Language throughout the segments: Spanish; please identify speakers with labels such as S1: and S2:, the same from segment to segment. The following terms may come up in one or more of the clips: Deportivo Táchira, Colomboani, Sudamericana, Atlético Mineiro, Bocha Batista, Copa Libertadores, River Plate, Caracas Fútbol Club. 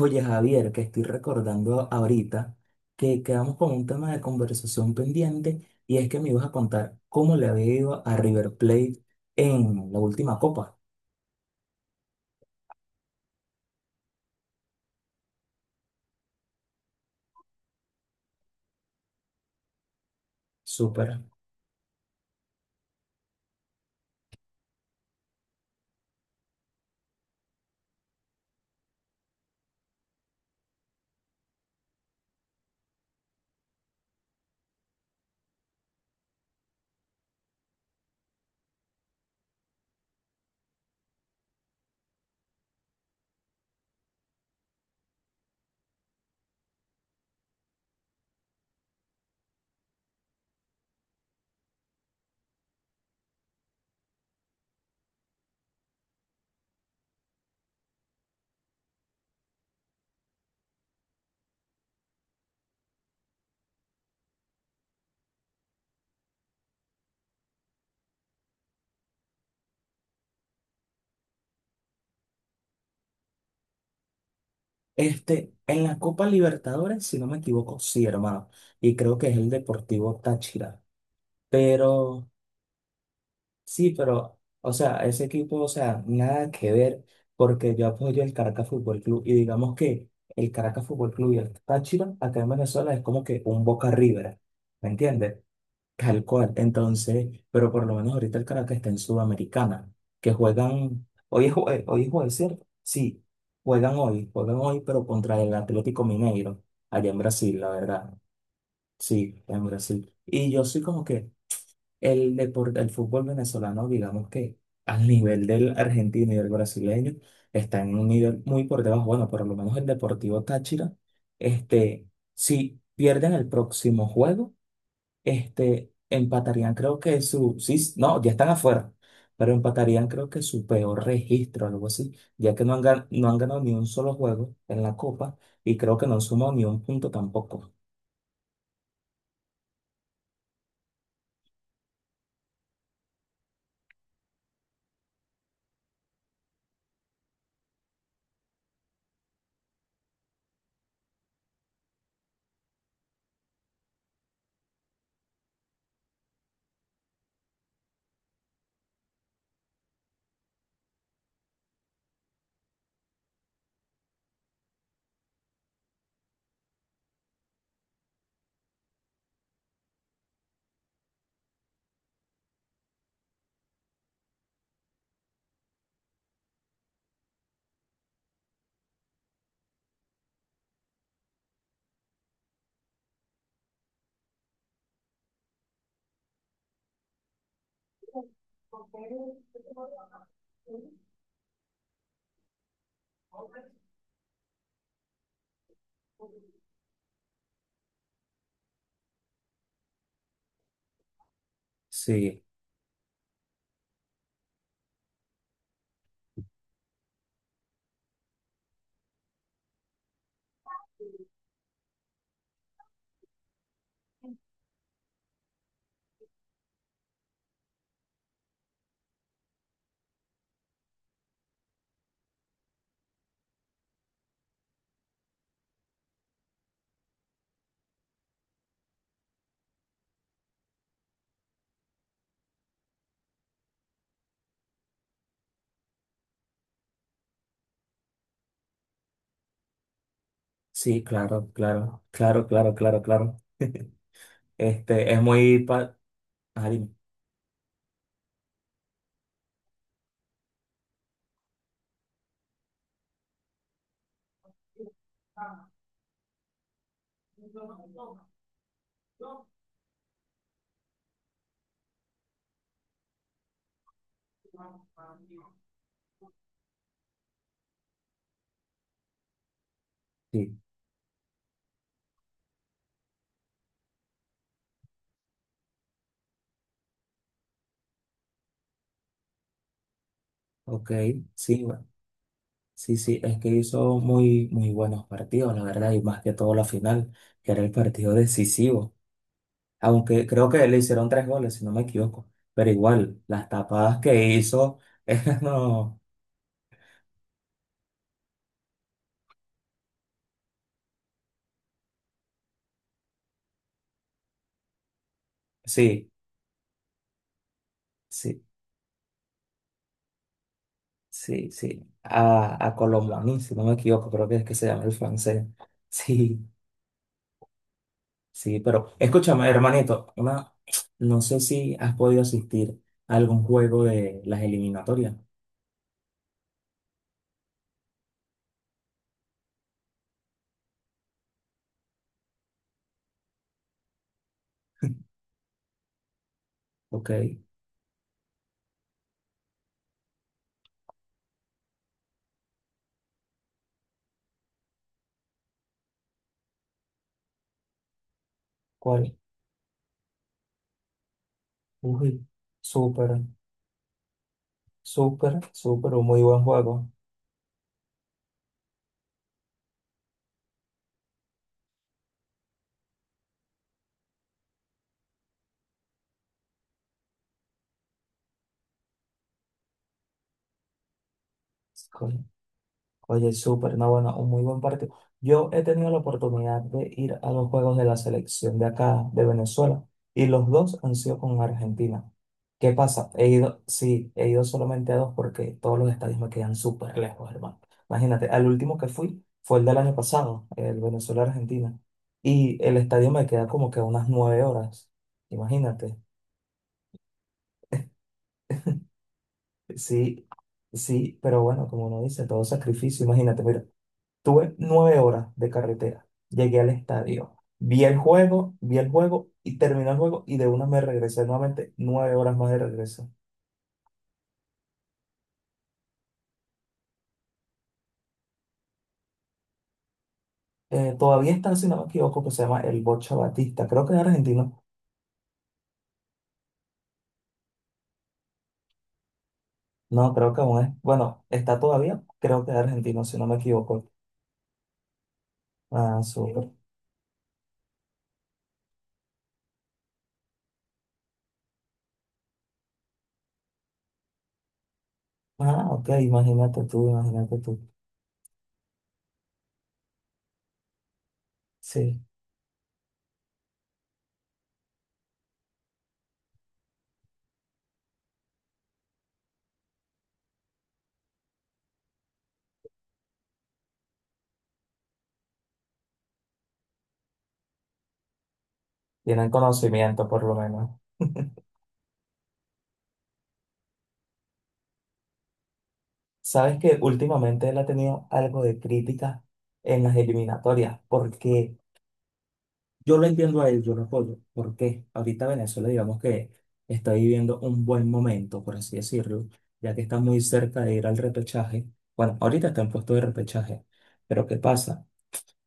S1: Oye, Javier, que estoy recordando ahorita que quedamos con un tema de conversación pendiente y es que me ibas a contar cómo le había ido a River Plate en la última copa. Súper. Este, en la Copa Libertadores, si no me equivoco, sí, hermano. Y creo que es el Deportivo Táchira. Pero. Sí, pero, o sea, ese equipo, o sea, nada que ver, porque yo apoyo el Caracas Fútbol Club y digamos que el Caracas Fútbol Club y el Táchira acá en Venezuela es como que un Boca River, ¿me entiendes? Tal cual. Entonces, pero por lo menos ahorita el Caracas está en Sudamericana, que juegan, hoy es jueves, ¿cierto? Sí, juegan hoy, pero contra el Atlético Mineiro, allá en Brasil, la verdad. Sí, en Brasil. Y yo soy como que. El deporte, el fútbol venezolano, digamos que al nivel del argentino y del brasileño, está en un nivel muy por debajo. Bueno, por lo menos el Deportivo Táchira, este, si pierden el próximo juego, este, empatarían, creo que su, sí, no, ya están afuera, pero empatarían, creo que su peor registro, algo así, ya que no han, no han ganado ni un solo juego en la Copa y creo que no han sumado ni un punto tampoco. Sí, sí, claro, claro, claro, claro, claro, claro. Este, es muy. Ah, dime. Sí, ok, sí, sí, sí, es que hizo muy, muy buenos partidos, la verdad, y más que todo la final, que era el partido decisivo. Aunque creo que le hicieron tres goles, si no me equivoco, pero igual, las tapadas que hizo, no, sí, sí, sí, sí, a Colomboani, si no me equivoco, creo que es que se llama el francés, sí. Sí, pero escúchame, hermanito, una, no sé si has podido asistir a algún juego de las eliminatorias, ¿ok? ¿Cuál? Uy, súper, súper, súper, un muy buen juego. Oye, súper, no, bueno, un muy buen partido. Yo he tenido la oportunidad de ir a los juegos de la selección de acá, de Venezuela, y los dos han sido con Argentina. ¿Qué pasa? He ido, sí, he ido solamente a dos porque todos los estadios me quedan súper lejos, hermano. Imagínate, al último que fui fue el del año pasado, el Venezuela-Argentina, y el estadio me queda como que a unas 9 horas. Imagínate, sí, sí, pero bueno, como uno dice, todo sacrificio, imagínate, mira. Tuve 9 horas de carretera. Llegué al estadio. Vi el juego y terminó el juego y de una me regresé nuevamente 9 horas más de regreso. Todavía está, si no me equivoco, que se llama el Bocha Batista. Creo que es argentino. No, creo que aún es. Bueno, está todavía. Creo que es argentino, si no me equivoco. Ah, súper. Ah, ok, imagínate tú, imagínate tú. Sí, tienen conocimiento por lo menos. Sabes que últimamente él ha tenido algo de crítica en las eliminatorias, porque yo lo entiendo a él, yo lo apoyo, porque ahorita Venezuela, digamos que está viviendo un buen momento, por así decirlo, ya que está muy cerca de ir al repechaje. Bueno, ahorita está en puesto de repechaje, pero ¿qué pasa?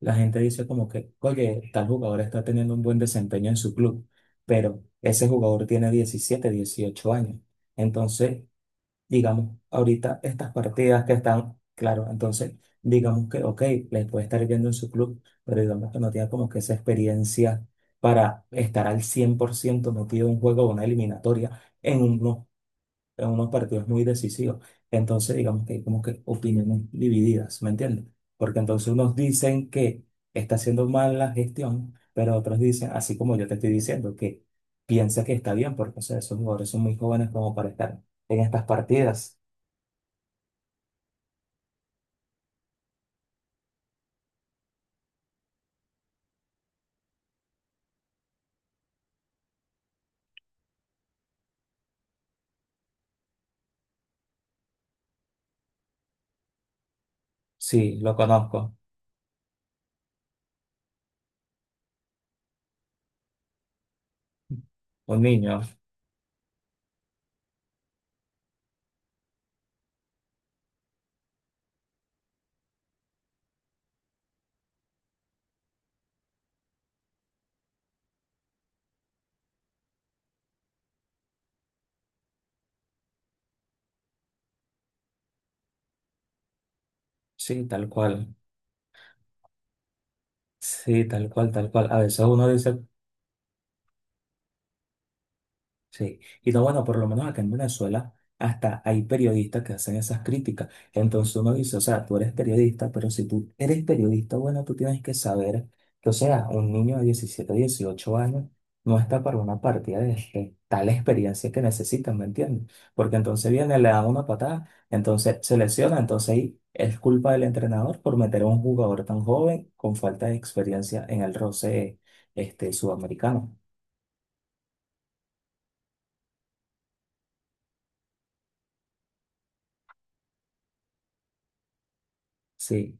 S1: La gente dice como que, oye, tal jugador está teniendo un buen desempeño en su club, pero ese jugador tiene 17 18 años. Entonces, digamos, ahorita estas partidas que están, claro, entonces, digamos que, ok, les puede estar yendo en su club, pero digamos que no tiene como que esa experiencia para estar al 100% metido en un juego o una eliminatoria en unos partidos muy decisivos. Entonces, digamos que hay como que opiniones divididas, ¿me entiendes? Porque entonces unos dicen que está haciendo mal la gestión, pero otros dicen, así como yo te estoy diciendo, que piensa que está bien, porque o sea, esos jugadores son muy jóvenes como para estar en estas partidas. Sí, lo conozco. Un niño. Sí, tal cual. Sí, tal cual, tal cual. A veces uno dice sí, y no, bueno, por lo menos acá en Venezuela hasta hay periodistas que hacen esas críticas. Entonces uno dice, o sea, tú eres periodista, pero si tú eres periodista, bueno, tú tienes que saber que, o sea, un niño de 17 18 años no está para una partida de tal experiencia que necesitan, ¿me entiendes? Porque entonces viene, le dan una patada, entonces se lesiona, entonces ahí es culpa del entrenador por meter a un jugador tan joven con falta de experiencia en el roce, este, sudamericano. Sí,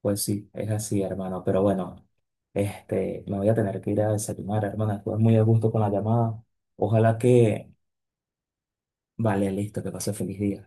S1: pues sí, es así, hermano. Pero bueno, este, me voy a tener que ir a desayunar, hermano. Estuve muy a gusto con la llamada. Ojalá que, vale, listo, que pase feliz día.